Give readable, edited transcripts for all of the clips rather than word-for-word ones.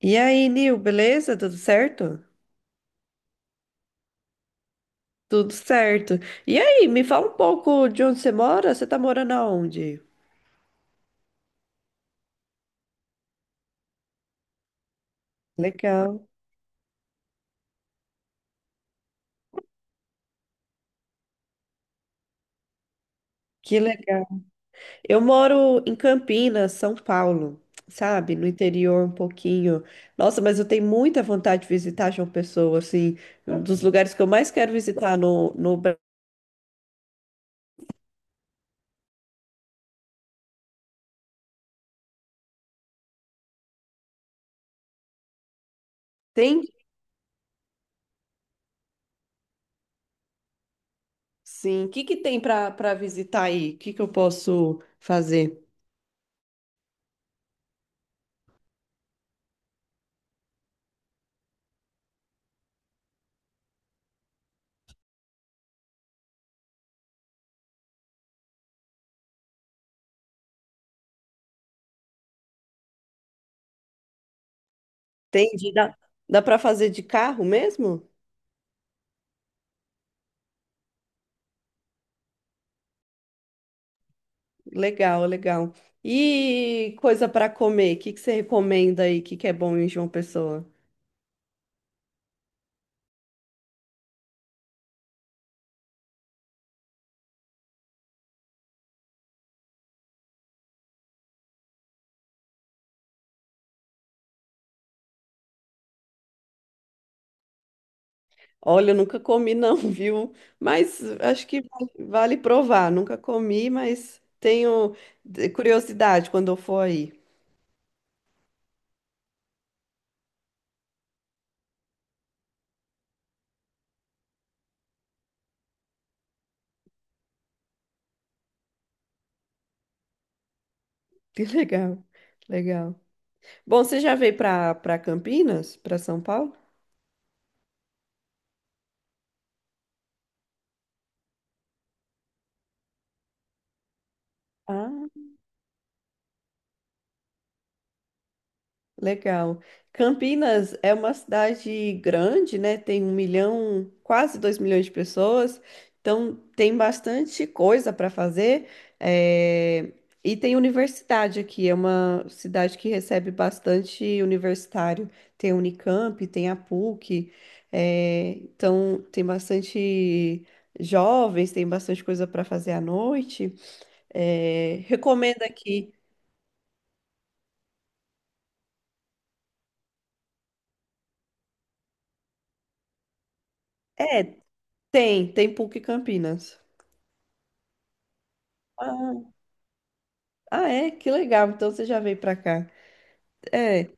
E aí, Nil, beleza? Tudo certo? Tudo certo. E aí, me fala um pouco de onde você mora? Você tá morando aonde? Legal, que legal. Eu moro em Campinas, São Paulo, sabe? No interior um pouquinho. Nossa, mas eu tenho muita vontade de visitar João Pessoa, assim, um dos lugares que eu mais quero visitar no Brasil. Tem? Sim. O que que tem para visitar aí? O que que eu posso fazer? Tem de dá, dá para fazer de carro mesmo? Legal, legal. E coisa para comer, o que que você recomenda aí? O que que é bom em João Pessoa? Olha, eu nunca comi não, viu? Mas acho que vale provar. Nunca comi, mas tenho curiosidade quando eu for aí. Que legal, legal. Bom, você já veio para Campinas, para São Paulo? Ah. Legal. Campinas é uma cidade grande, né? Tem um milhão, quase dois milhões de pessoas, então tem bastante coisa para fazer. eh, E tem universidade aqui, é uma cidade que recebe bastante universitário. Tem a Unicamp, tem a PUC, então tem bastante jovens, tem bastante coisa para fazer à noite. Recomendo aqui. É, tem, tem PUC Campinas. Ah, Ah, é? Que legal. Então você já veio pra cá. É.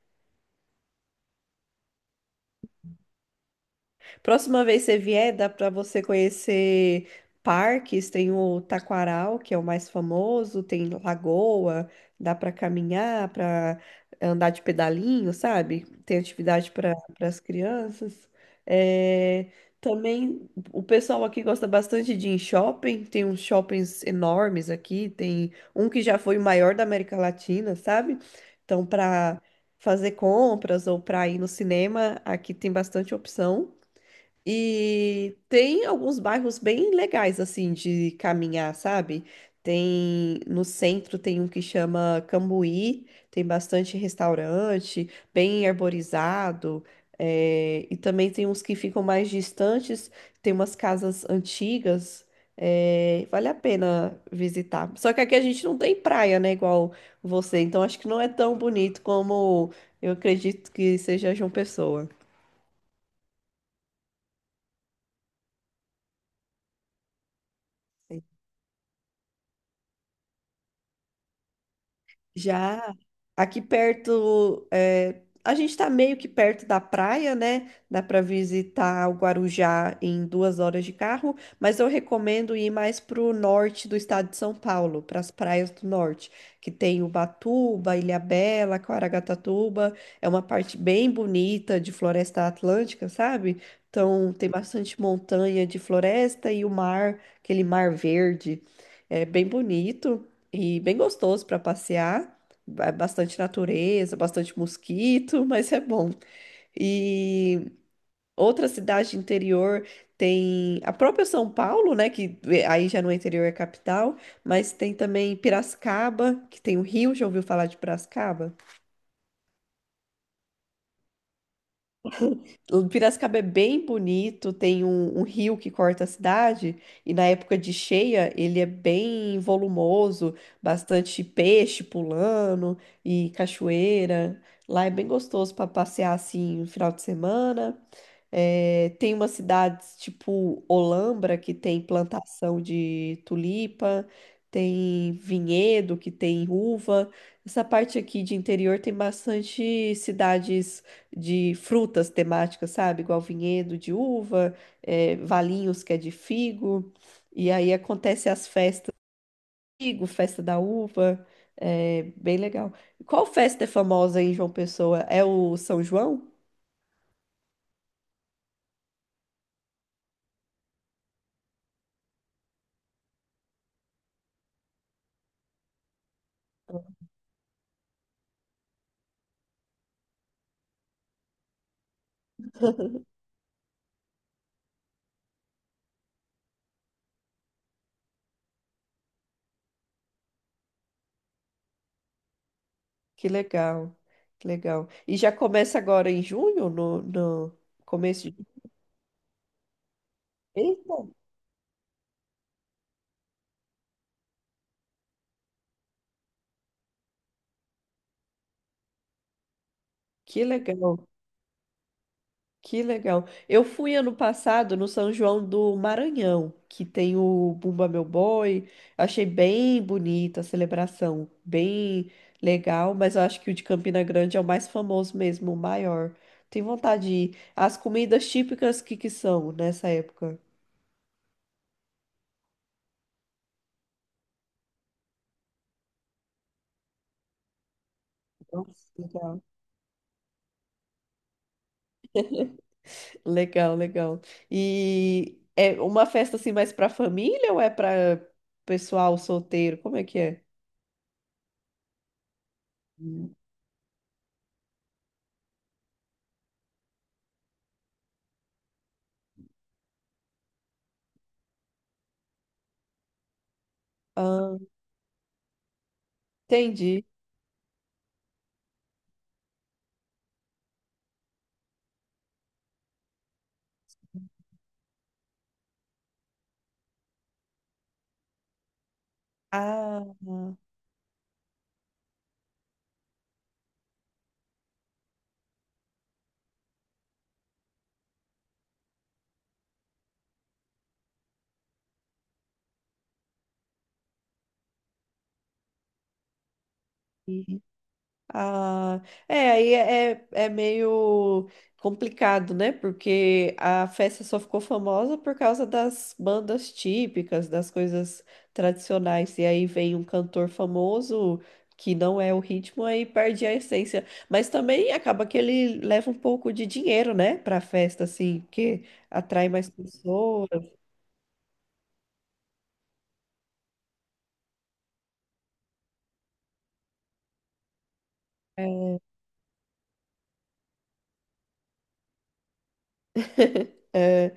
Próxima vez você vier, dá para você conhecer parques, tem o Taquaral, que é o mais famoso, tem Lagoa, dá para caminhar, para andar de pedalinho, sabe? Tem atividade para as crianças. É, também o pessoal aqui gosta bastante de ir em shopping, tem uns shoppings enormes aqui, tem um que já foi o maior da América Latina, sabe? Então, para fazer compras ou para ir no cinema, aqui tem bastante opção. E tem alguns bairros bem legais, assim, de caminhar, sabe? Tem no centro tem um que chama Cambuí, tem bastante restaurante, bem arborizado, e também tem uns que ficam mais distantes, tem umas casas antigas, vale a pena visitar. Só que aqui a gente não tem praia, né, igual você, então acho que não é tão bonito como eu acredito que seja João Pessoa. Já aqui perto, é, a gente está meio que perto da praia, né? Dá para visitar o Guarujá em duas horas de carro, mas eu recomendo ir mais pro norte do estado de São Paulo, para as praias do norte, que tem Ubatuba, Ilhabela, Caraguatatuba. É uma parte bem bonita de floresta atlântica, sabe? Então tem bastante montanha de floresta e o mar, aquele mar verde. É bem bonito e bem gostoso para passear. Bastante natureza, bastante mosquito, mas é bom. E outra cidade interior tem a própria São Paulo, né? Que aí já não é interior, é capital, mas tem também Piracicaba, que tem o rio. Já ouviu falar de Piracicaba? Piracicaba é bem bonito, tem um rio que corta a cidade, e na época de cheia ele é bem volumoso, bastante peixe pulando e cachoeira. Lá é bem gostoso para passear assim no final de semana. É, tem umas cidades tipo Olambra, que tem plantação de tulipa, tem vinhedo, que tem uva. Essa parte aqui de interior tem bastante cidades de frutas temáticas, sabe? Igual vinhedo de uva, é, Valinhos, que é de figo. E aí acontece as festas do figo, festa da uva. É bem legal. Qual festa é famosa em João Pessoa? É o São João? Que legal, que legal. E já começa agora em junho, no começo de... Eita, que legal, que legal. Eu fui ano passado no São João do Maranhão, que tem o Bumba Meu Boi. Achei bem bonita a celebração, bem legal, mas eu acho que o de Campina Grande é o mais famoso mesmo, o maior. Tenho vontade de ir. As comidas típicas que são nessa época? Nossa, legal. Legal, legal. E é uma festa assim mais para família ou é para pessoal solteiro? Como é que é? Hum. Ah, entendi. Ah, tá. Ah, é, aí é, é é meio complicado, né? Porque a festa só ficou famosa por causa das bandas típicas, das coisas tradicionais. E aí vem um cantor famoso que não é o ritmo, aí perde a essência. Mas também acaba que ele leva um pouco de dinheiro, né? Pra festa, assim, que atrai mais pessoas. É. É.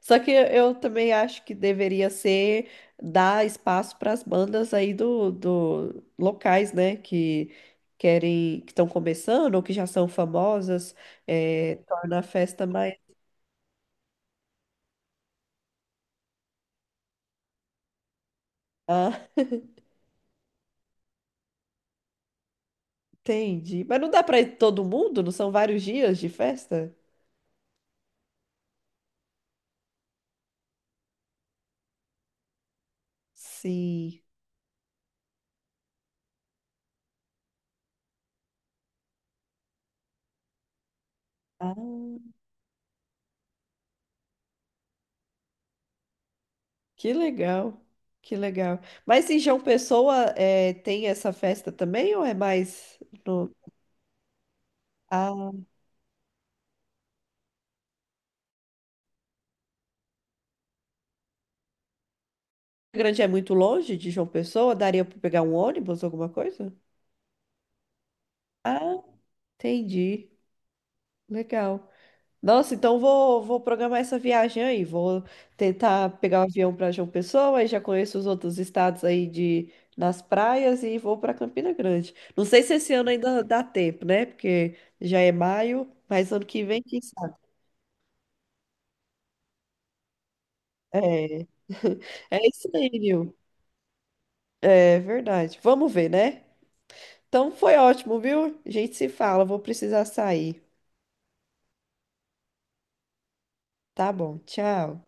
Só que eu também acho que deveria ser dar espaço para as bandas aí do, do locais, né, que querem, que estão começando ou que já são famosas, é, torna a festa mais. Ah, entendi. Mas não dá para todo mundo? Não são vários dias de festa? Sim. Ah, que legal. Que legal. Mas em João Pessoa, é, tem essa festa também ou é mais no... ah, Grande é muito longe de João Pessoa? Daria para pegar um ônibus, alguma coisa? Ah, entendi. Legal. Nossa, então vou, vou programar essa viagem aí. Vou tentar pegar o avião para João Pessoa, aí já conheço os outros estados aí de nas praias e vou para Campina Grande. Não sei se esse ano ainda dá tempo, né? Porque já é maio, mas ano que vem, quem sabe? É, é isso aí, Nil. É verdade. Vamos ver, né? Então foi ótimo, viu? A gente se fala, vou precisar sair. Tá bom, tchau.